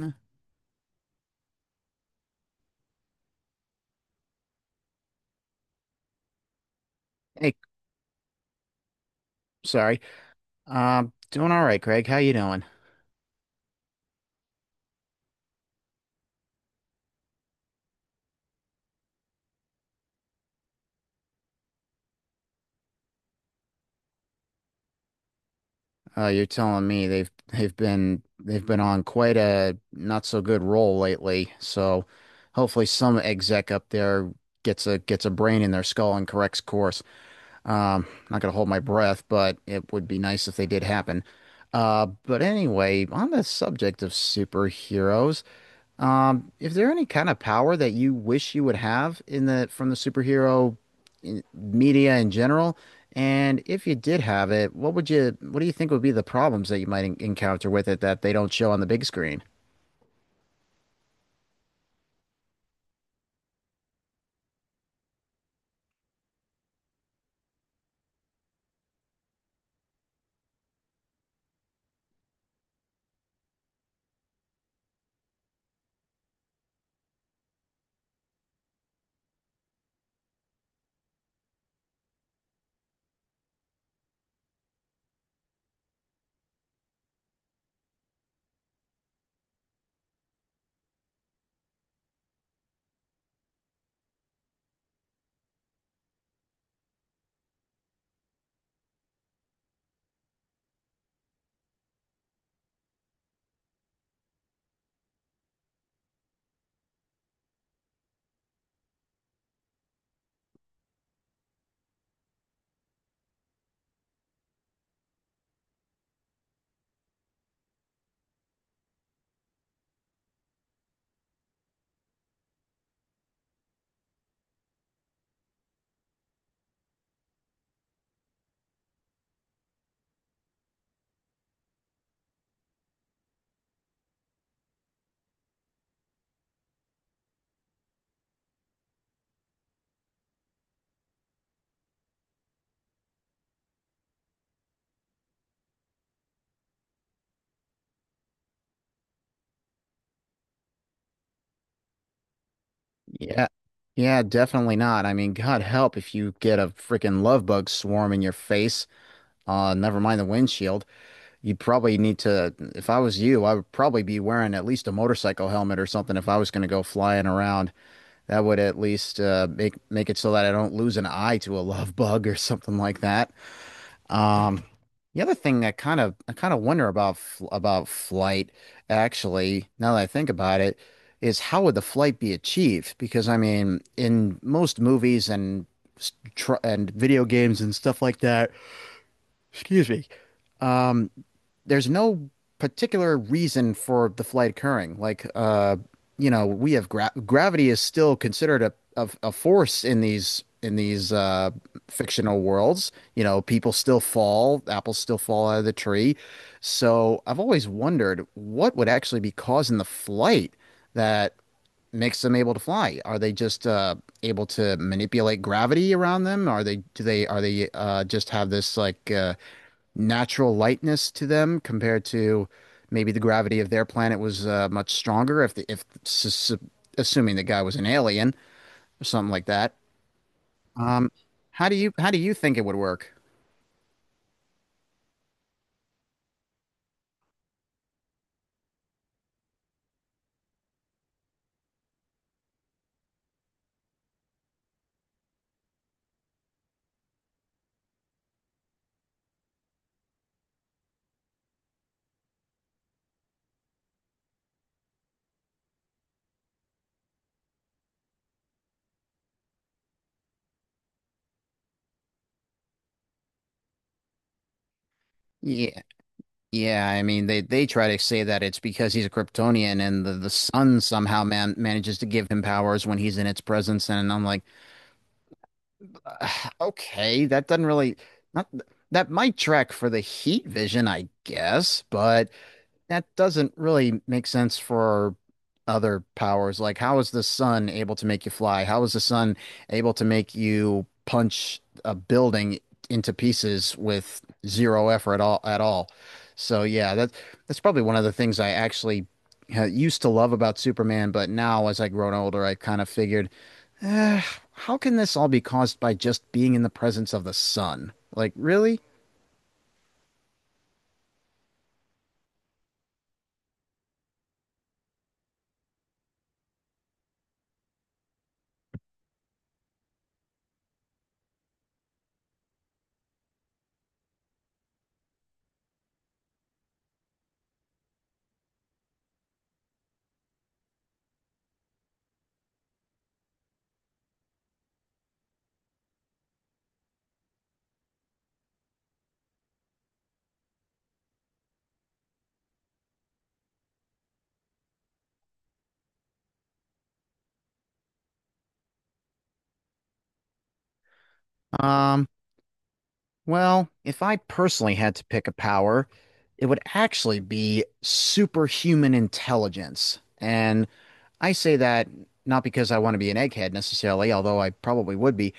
Uh, Hey, sorry. Doing all right, Craig. How you doing? You're telling me they've been on quite a not so good roll lately. So hopefully some exec up there gets a brain in their skull and corrects course. Not gonna hold my breath, but it would be nice if they did happen. But anyway, on the subject of superheroes, um, if there any kind of power that you wish you would have in the from the superhero media in general, and if you did have it, what would you what do you think would be the problems that you might encounter with it that they don't show on the big screen? Yeah. Yeah, definitely not. I mean, God help if you get a freaking love bug swarm in your face. Never mind the windshield. You'd probably need to, if I was you, I would probably be wearing at least a motorcycle helmet or something if I was going to go flying around. That would at least make make it so that I don't lose an eye to a love bug or something like that. Um, the other thing that I kind of wonder about about flight, actually, now that I think about it, is how would the flight be achieved? Because I mean, in most movies and and video games and stuff like that, excuse me, um, there's no particular reason for the flight occurring. Like, you know, we have gravity is still considered a force in these fictional worlds. You know, people still fall, apples still fall out of the tree. So I've always wondered what would actually be causing the flight that makes them able to fly. Are they just able to manipulate gravity around them? Are they do they are they just have this like natural lightness to them compared to maybe the gravity of their planet was much stronger if assuming the guy was an alien or something like that. Um, how do you think it would work? Yeah, yeah. I mean, they try to say that it's because he's a Kryptonian and the sun somehow manages to give him powers when he's in its presence. And I'm like, "Ugh, okay, that doesn't really not that might track for the heat vision, I guess, but. That doesn't really make sense for other powers. Like, how is the sun able to make you fly? How is the sun able to make you punch a building into pieces with zero effort at all? So yeah, that's probably one of the things I actually used to love about Superman, but now as I grown older, I kind of figured, eh, how can this all be caused by just being in the presence of the sun? Like, really? Um, Well, if I personally had to pick a power, it would actually be superhuman intelligence. And I say that not because I want to be an egghead necessarily, although I probably would be,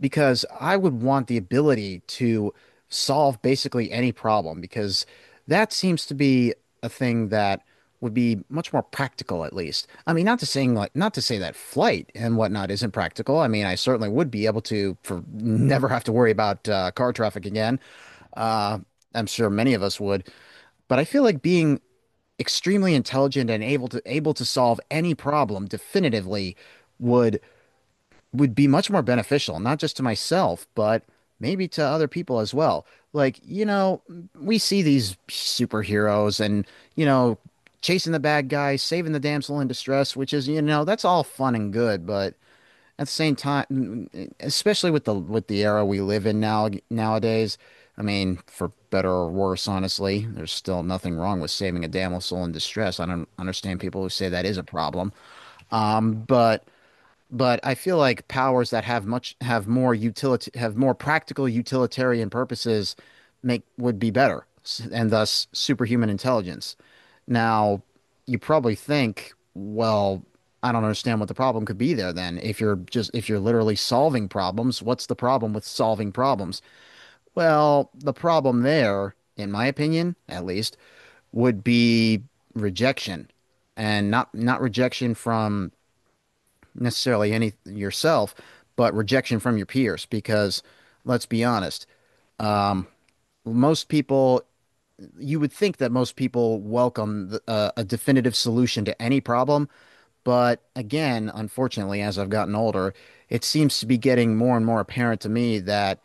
because I would want the ability to solve basically any problem because that seems to be a thing that would be much more practical at least. I mean, not to say that flight and whatnot isn't practical. I mean, I certainly would be able to for never have to worry about car traffic again. Uh, I'm sure many of us would, but I feel like being extremely intelligent and able to solve any problem definitively would would be much more beneficial, not just to myself, but maybe to other people as well. Like, you know, we see these superheroes and, you know, chasing the bad guy, saving the damsel in distress, which is, you know, that's all fun and good, but at the same time, especially with the era we live in nowadays, I mean, for better or worse, honestly, there's still nothing wrong with saving a damsel in distress. I don't understand people who say that is a problem, but but I feel like powers that have more utility have more practical utilitarian purposes make would be better, and thus superhuman intelligence. Now, you probably think, well, I don't understand what the problem could be there then. If you're literally solving problems, what's the problem with solving problems? Well, the problem there, in my opinion, at least, would be rejection and not rejection from necessarily any yourself, but rejection from your peers. Because let's be honest, most people, you would think that most people welcome the, a definitive solution to any problem. But again, unfortunately, as I've gotten older, it seems to be getting more and more apparent to me that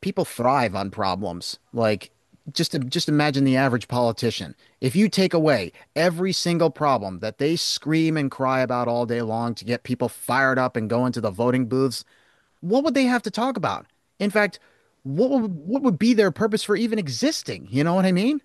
people thrive on problems. Like, just imagine the average politician. If you take away every single problem that they scream and cry about all day long to get people fired up and go into the voting booths, what would they have to talk about? In fact, what would be their purpose for even existing? You know what I mean?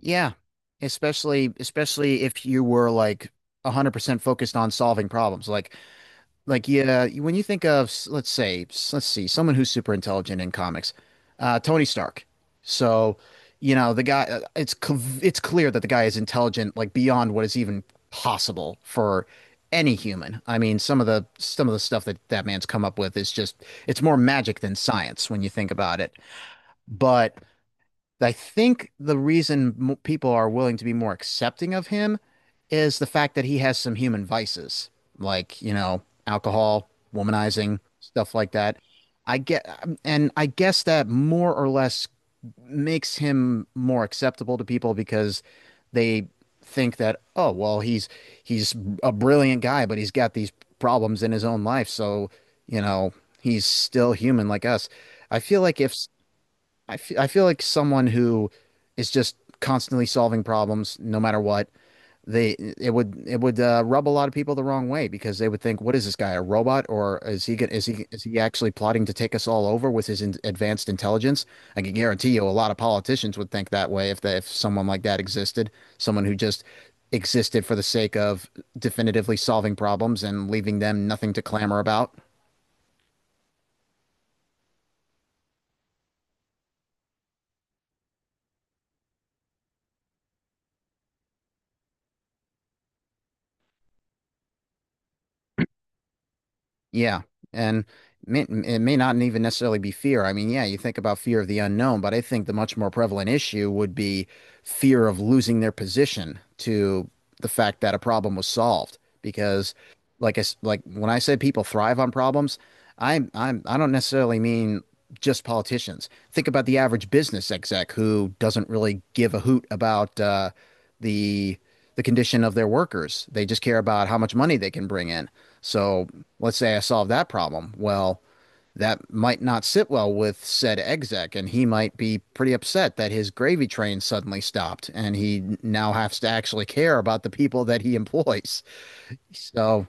Yeah. Especially if you were like 100% focused on solving problems. Like yeah, when you think of let's see someone who's super intelligent in comics, Tony Stark. So, you know the guy. It's it's clear that the guy is intelligent like beyond what is even possible for any human. I mean, some of the stuff that that man's come up with is just it's more magic than science when you think about it. But I think the reason mo people are willing to be more accepting of him is the fact that he has some human vices, like, you know, alcohol, womanizing, stuff like that. I get, and I guess that more or less makes him more acceptable to people because they think that, oh, well, he's a brilliant guy, but he's got these problems in his own life, so, you know, he's still human like us. I feel like if I feel like someone who is just constantly solving problems, no matter what, they it would rub a lot of people the wrong way because they would think, what is this guy, a robot, or is he actually plotting to take us all over with his in advanced intelligence? I can guarantee you, a lot of politicians would think that way if someone like that existed, someone who just existed for the sake of definitively solving problems and leaving them nothing to clamor about. Yeah. And it may not even necessarily be fear. I mean, yeah, you think about fear of the unknown, but I think the much more prevalent issue would be fear of losing their position to the fact that a problem was solved. Because, like when I said people thrive on problems, I don't necessarily mean just politicians. Think about the average business exec who doesn't really give a hoot about the condition of their workers. They just care about how much money they can bring in. So let's say I solve that problem. Well, that might not sit well with said exec, and he might be pretty upset that his gravy train suddenly stopped, and he now has to actually care about the people that he employs. So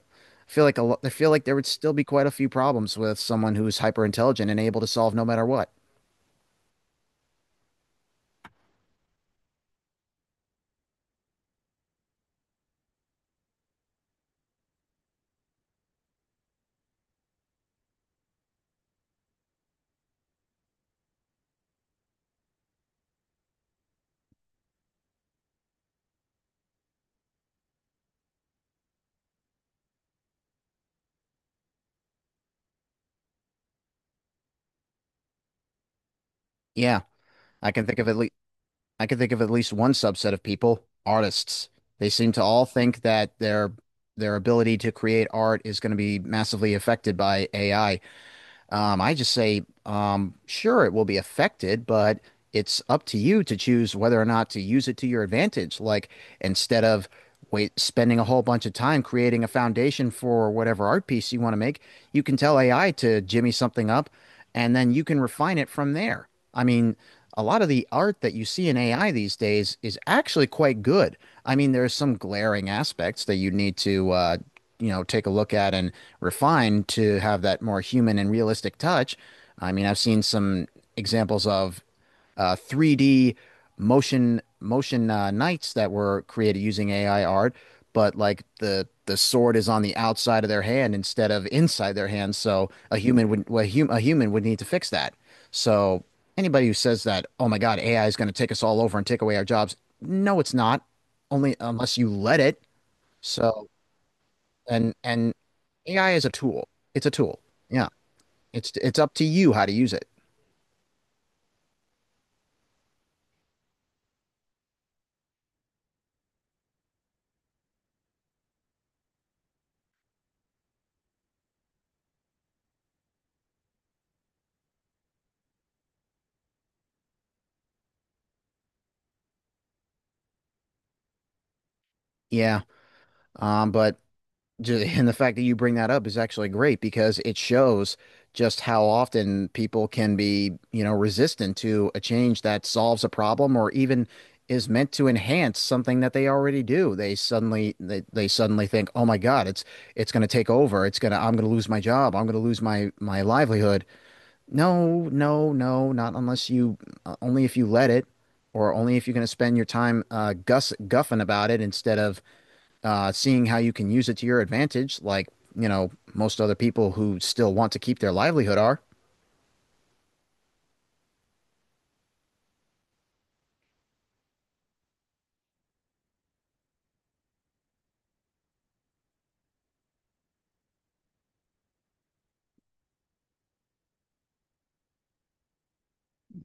I feel like I feel like there would still be quite a few problems with someone who's hyper intelligent and able to solve no matter what. Yeah, I can think of at least. I can think of at least one subset of people, artists. They seem to all think that their ability to create art is going to be massively affected by AI. I just say, sure, it will be affected, but it's up to you to choose whether or not to use it to your advantage. Like instead of spending a whole bunch of time creating a foundation for whatever art piece you want to make, you can tell AI to jimmy something up, and then you can refine it from there. I mean, a lot of the art that you see in AI these days is actually quite good. I mean, there's some glaring aspects that you need to you know, take a look at and refine to have that more human and realistic touch. I mean, I've seen some examples of 3D motion knights that were created using AI art, but like the sword is on the outside of their hand instead of inside their hand, so a human would a human would need to fix that. So anybody who says that, oh my God, AI is going to take us all over and take away our jobs, no, it's not. Only unless you let it. So and AI is a tool. It's a tool. Yeah. It's up to you how to use it. Yeah. But and the fact that you bring that up is actually great because it shows just how often people can be, you know, resistant to a change that solves a problem or even is meant to enhance something that they already do. They suddenly think, "Oh my God, it's going to take over. It's going to I'm going to lose my job. I'm going to lose my livelihood." No, no, no, not unless you, only if you let it, or only if you're going to spend your time guss guffing about it instead of seeing how you can use it to your advantage, like, you know, most other people who still want to keep their livelihood are.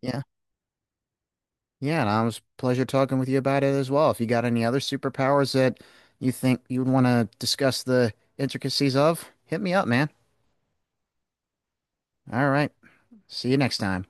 Yeah. Yeah, and it was a pleasure talking with you about it as well. If you got any other superpowers that you think you would want to discuss the intricacies of, hit me up, man. All right. See you next time.